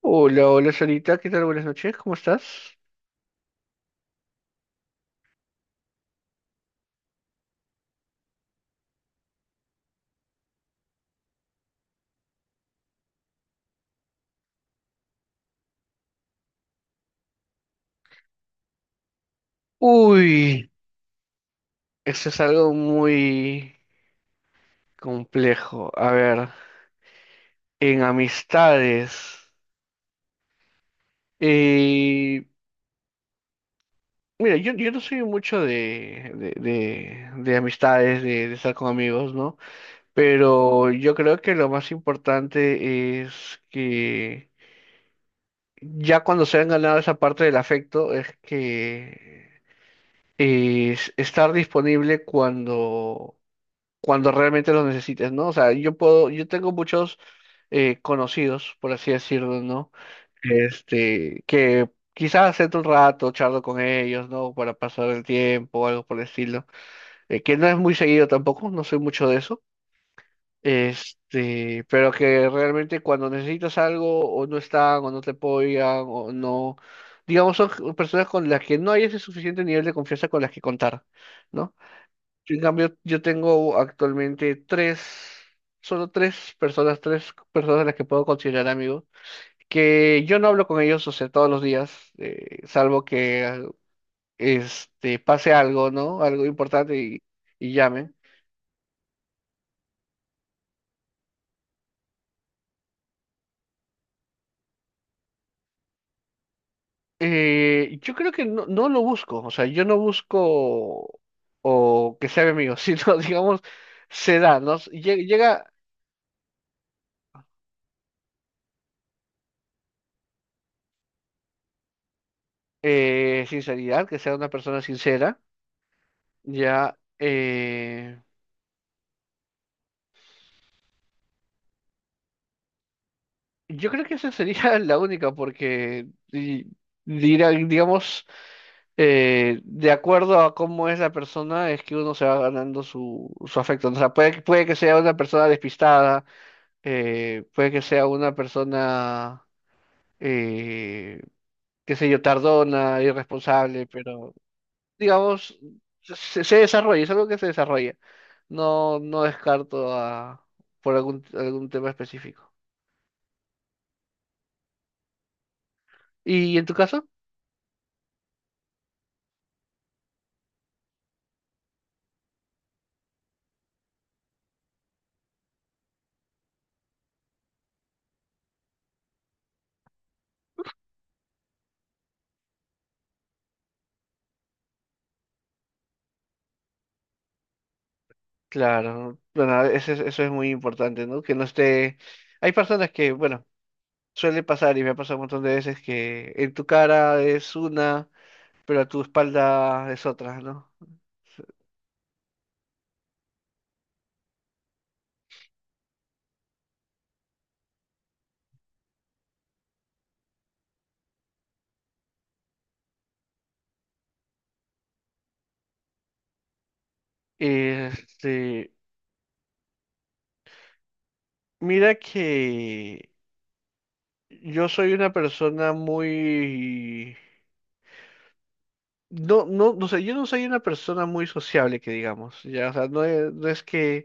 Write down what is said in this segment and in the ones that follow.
Hola, hola, Solita, ¿qué tal? Buenas noches, ¿cómo estás? Uy, eso es algo muy complejo. A ver, en amistades. eh, Mira, yo no soy mucho de amistades, de estar con amigos, ¿no? Pero yo creo que lo más importante es que ya cuando se han ganado esa parte del afecto, es que es estar disponible cuando realmente los necesites, ¿no? O sea, yo puedo, yo tengo muchos conocidos, por así decirlo, ¿no? Este, que quizás siento un rato, charlo con ellos, ¿no? Para pasar el tiempo o algo por el estilo, que no es muy seguido tampoco, no soy mucho de eso. Este, pero que realmente cuando necesitas algo o no están o no te apoyan o no, digamos, son personas con las que no hay ese suficiente nivel de confianza con las que contar, ¿no? En cambio, yo tengo actualmente tres, solo tres personas a las que puedo considerar amigos, que yo no hablo con ellos, o sea, todos los días, salvo que este, pase algo, ¿no? Algo importante y llamen. Yo creo que no, no lo busco, o sea, yo no busco o que sea mi amigo, sino, digamos, se da, ¿no? Llega sinceridad, que sea una persona sincera, ya. Yo creo que esa sería la única, porque digamos, de acuerdo a cómo es la persona, es que uno se va ganando su, su afecto. ¿No? O sea, puede, puede que sea una persona despistada, puede que sea una persona, eh, qué sé yo, tardona, irresponsable, pero digamos, se desarrolla, es algo que se desarrolla. No, no descarto a, por algún, algún tema específico. ¿Y en tu caso? Claro, bueno, eso es muy importante, ¿no? Que no esté. Hay personas que, bueno, suele pasar y me ha pasado un montón de veces que en tu cara es una, pero a tu espalda es otra, ¿no? Este, mira que yo soy una persona muy. No, no, no sé, yo no soy una persona muy sociable, que digamos, ya, o sea, no es, no es que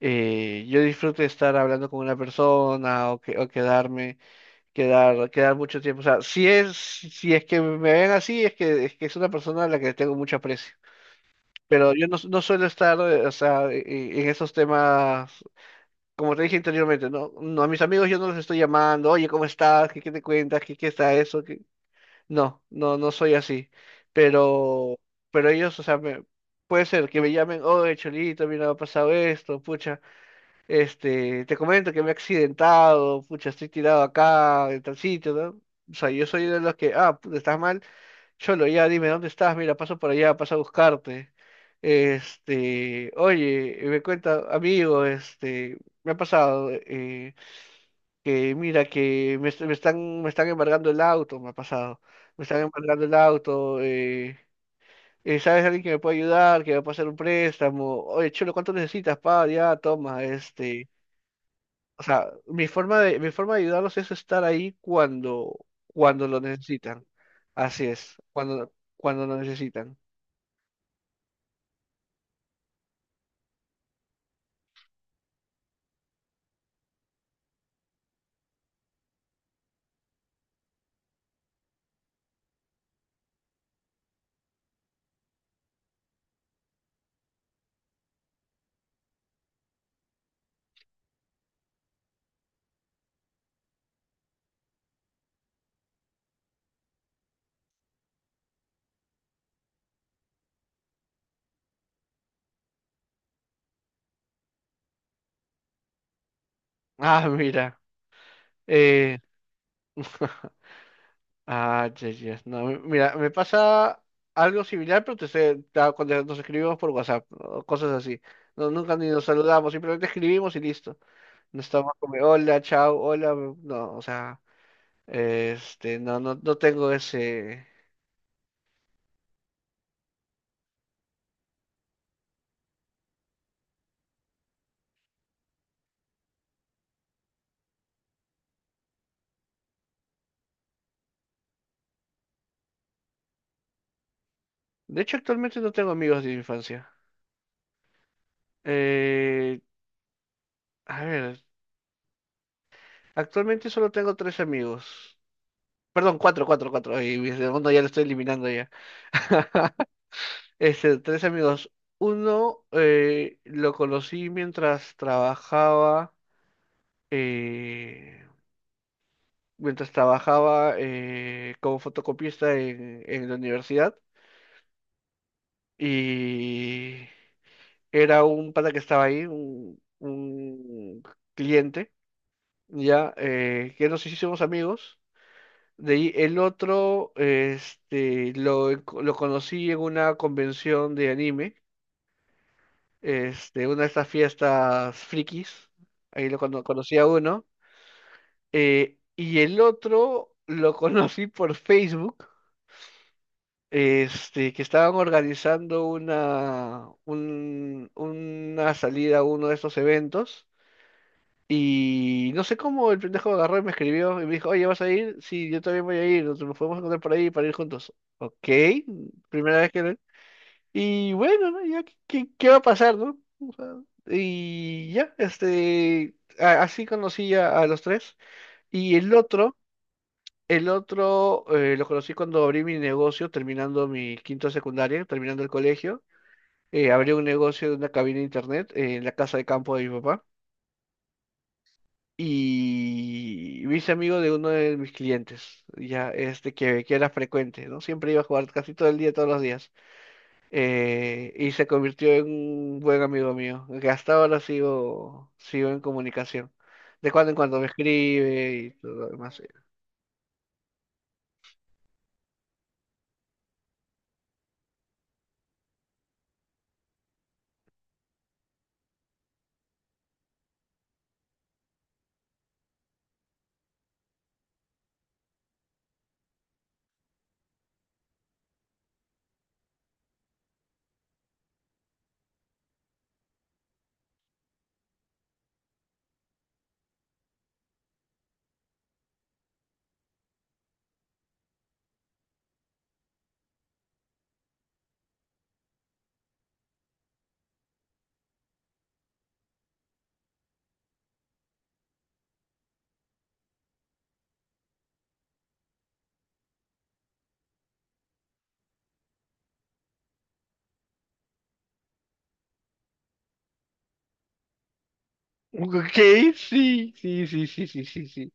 yo disfrute estar hablando con una persona o, que, o quedarme. Quedar mucho tiempo. O sea, si es, si es que me ven así, es que, es que es una persona a la que le tengo mucho aprecio. Pero yo no, no suelo estar, o sea, en esos temas, como te dije anteriormente, ¿no? No, a mis amigos yo no los estoy llamando, oye, ¿cómo estás? ¿Qué, qué te cuentas? ¿Qué, qué está eso? ¿Qué-". No, no, no soy así. Pero, pero ellos, o sea, puede ser que me llamen, oye, Cholito, mira, ha pasado esto, pucha. Este, te comento que me he accidentado, pucha, estoy tirado acá, en tal sitio, ¿no? O sea, yo soy de los que, ah, puta, estás mal, cholo, ya dime dónde estás, mira, paso por allá, paso a buscarte. Este, oye, y me cuenta, amigo, este, me ha pasado, que mira, me están embargando el auto, me ha pasado, me están embargando el auto, ¿sabes alguien que me puede ayudar, que me puede hacer un préstamo? Oye, cholo, ¿cuánto necesitas, pa? Ya, toma, este. O sea, mi forma de ayudarlos es estar ahí cuando, cuando lo necesitan. Así es, cuando, cuando lo necesitan. Ah, mira. Eh, ah, yes, yes, no, mira, me pasa algo similar, pero cuando nos escribimos por WhatsApp, o cosas así. No, nunca ni nos saludamos, simplemente escribimos y listo. No estamos como, hola, chao, hola. No, o sea, este, no, no, no tengo ese. De hecho, actualmente no tengo amigos de infancia. Eh, A ver, actualmente solo tengo tres amigos. Perdón, cuatro, cuatro, cuatro. Y mi segundo ya lo estoy eliminando ya. Este, tres amigos. Uno lo conocí eh, mientras trabajaba como fotocopista en la universidad. Y era un pata que estaba ahí, un cliente, ya, que nos hicimos amigos. De ahí el otro, este, lo conocí en una convención de anime, este, una de estas fiestas frikis, ahí conocí a uno, y el otro lo conocí por Facebook, este, que estaban organizando una, una salida a uno de estos eventos. Y no sé cómo el pendejo agarró y me escribió y me dijo, oye, ¿vas a ir? Sí, yo también voy a ir, nos podemos encontrar por ahí para ir juntos. Ok, primera vez que lo. Y bueno, ¿no? Ya, ¿qué, qué va a pasar, no? O sea, y ya, este, así conocí a los tres. Y el otro lo conocí cuando abrí mi negocio, terminando mi quinto de secundaria, terminando el colegio. Abrí un negocio de una cabina de internet en la casa de campo de mi papá. Y me hice amigo de uno de mis clientes, ya este que era frecuente, ¿no? Siempre iba a jugar casi todo el día, todos los días. Y se convirtió en un buen amigo mío, que hasta ahora sigo, sigo en comunicación. De cuando en cuando me escribe y todo lo demás. Ok, sí, sí, sí, sí, sí, sí, sí.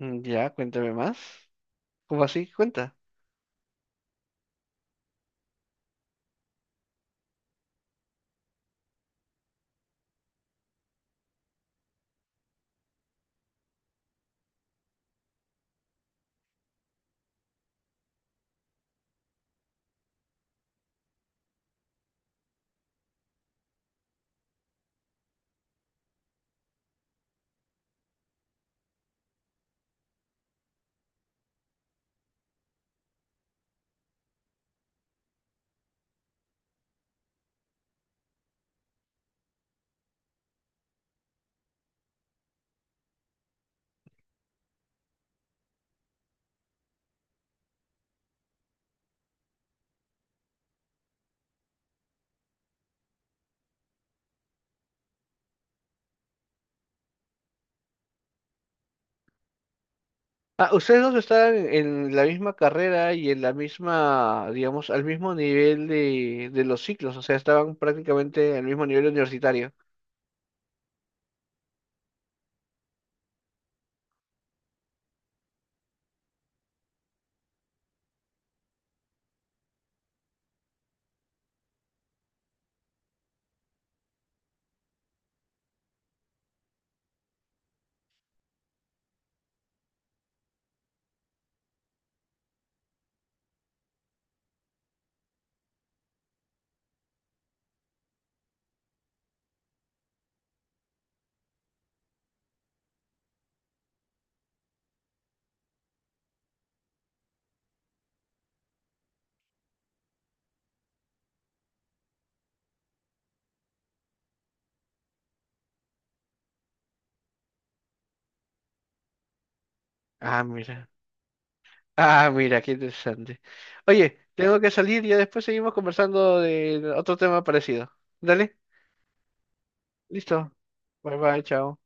Mm, ya, cuéntame más. ¿Cómo así? Cuenta. Ah, ustedes dos están en la misma carrera y en la misma, digamos, al mismo nivel de los ciclos, o sea, estaban prácticamente al mismo nivel universitario. Ah, mira. Ah, mira, qué interesante. Oye, tengo que salir y ya después seguimos conversando de otro tema parecido. Dale, listo. Bye bye, chao.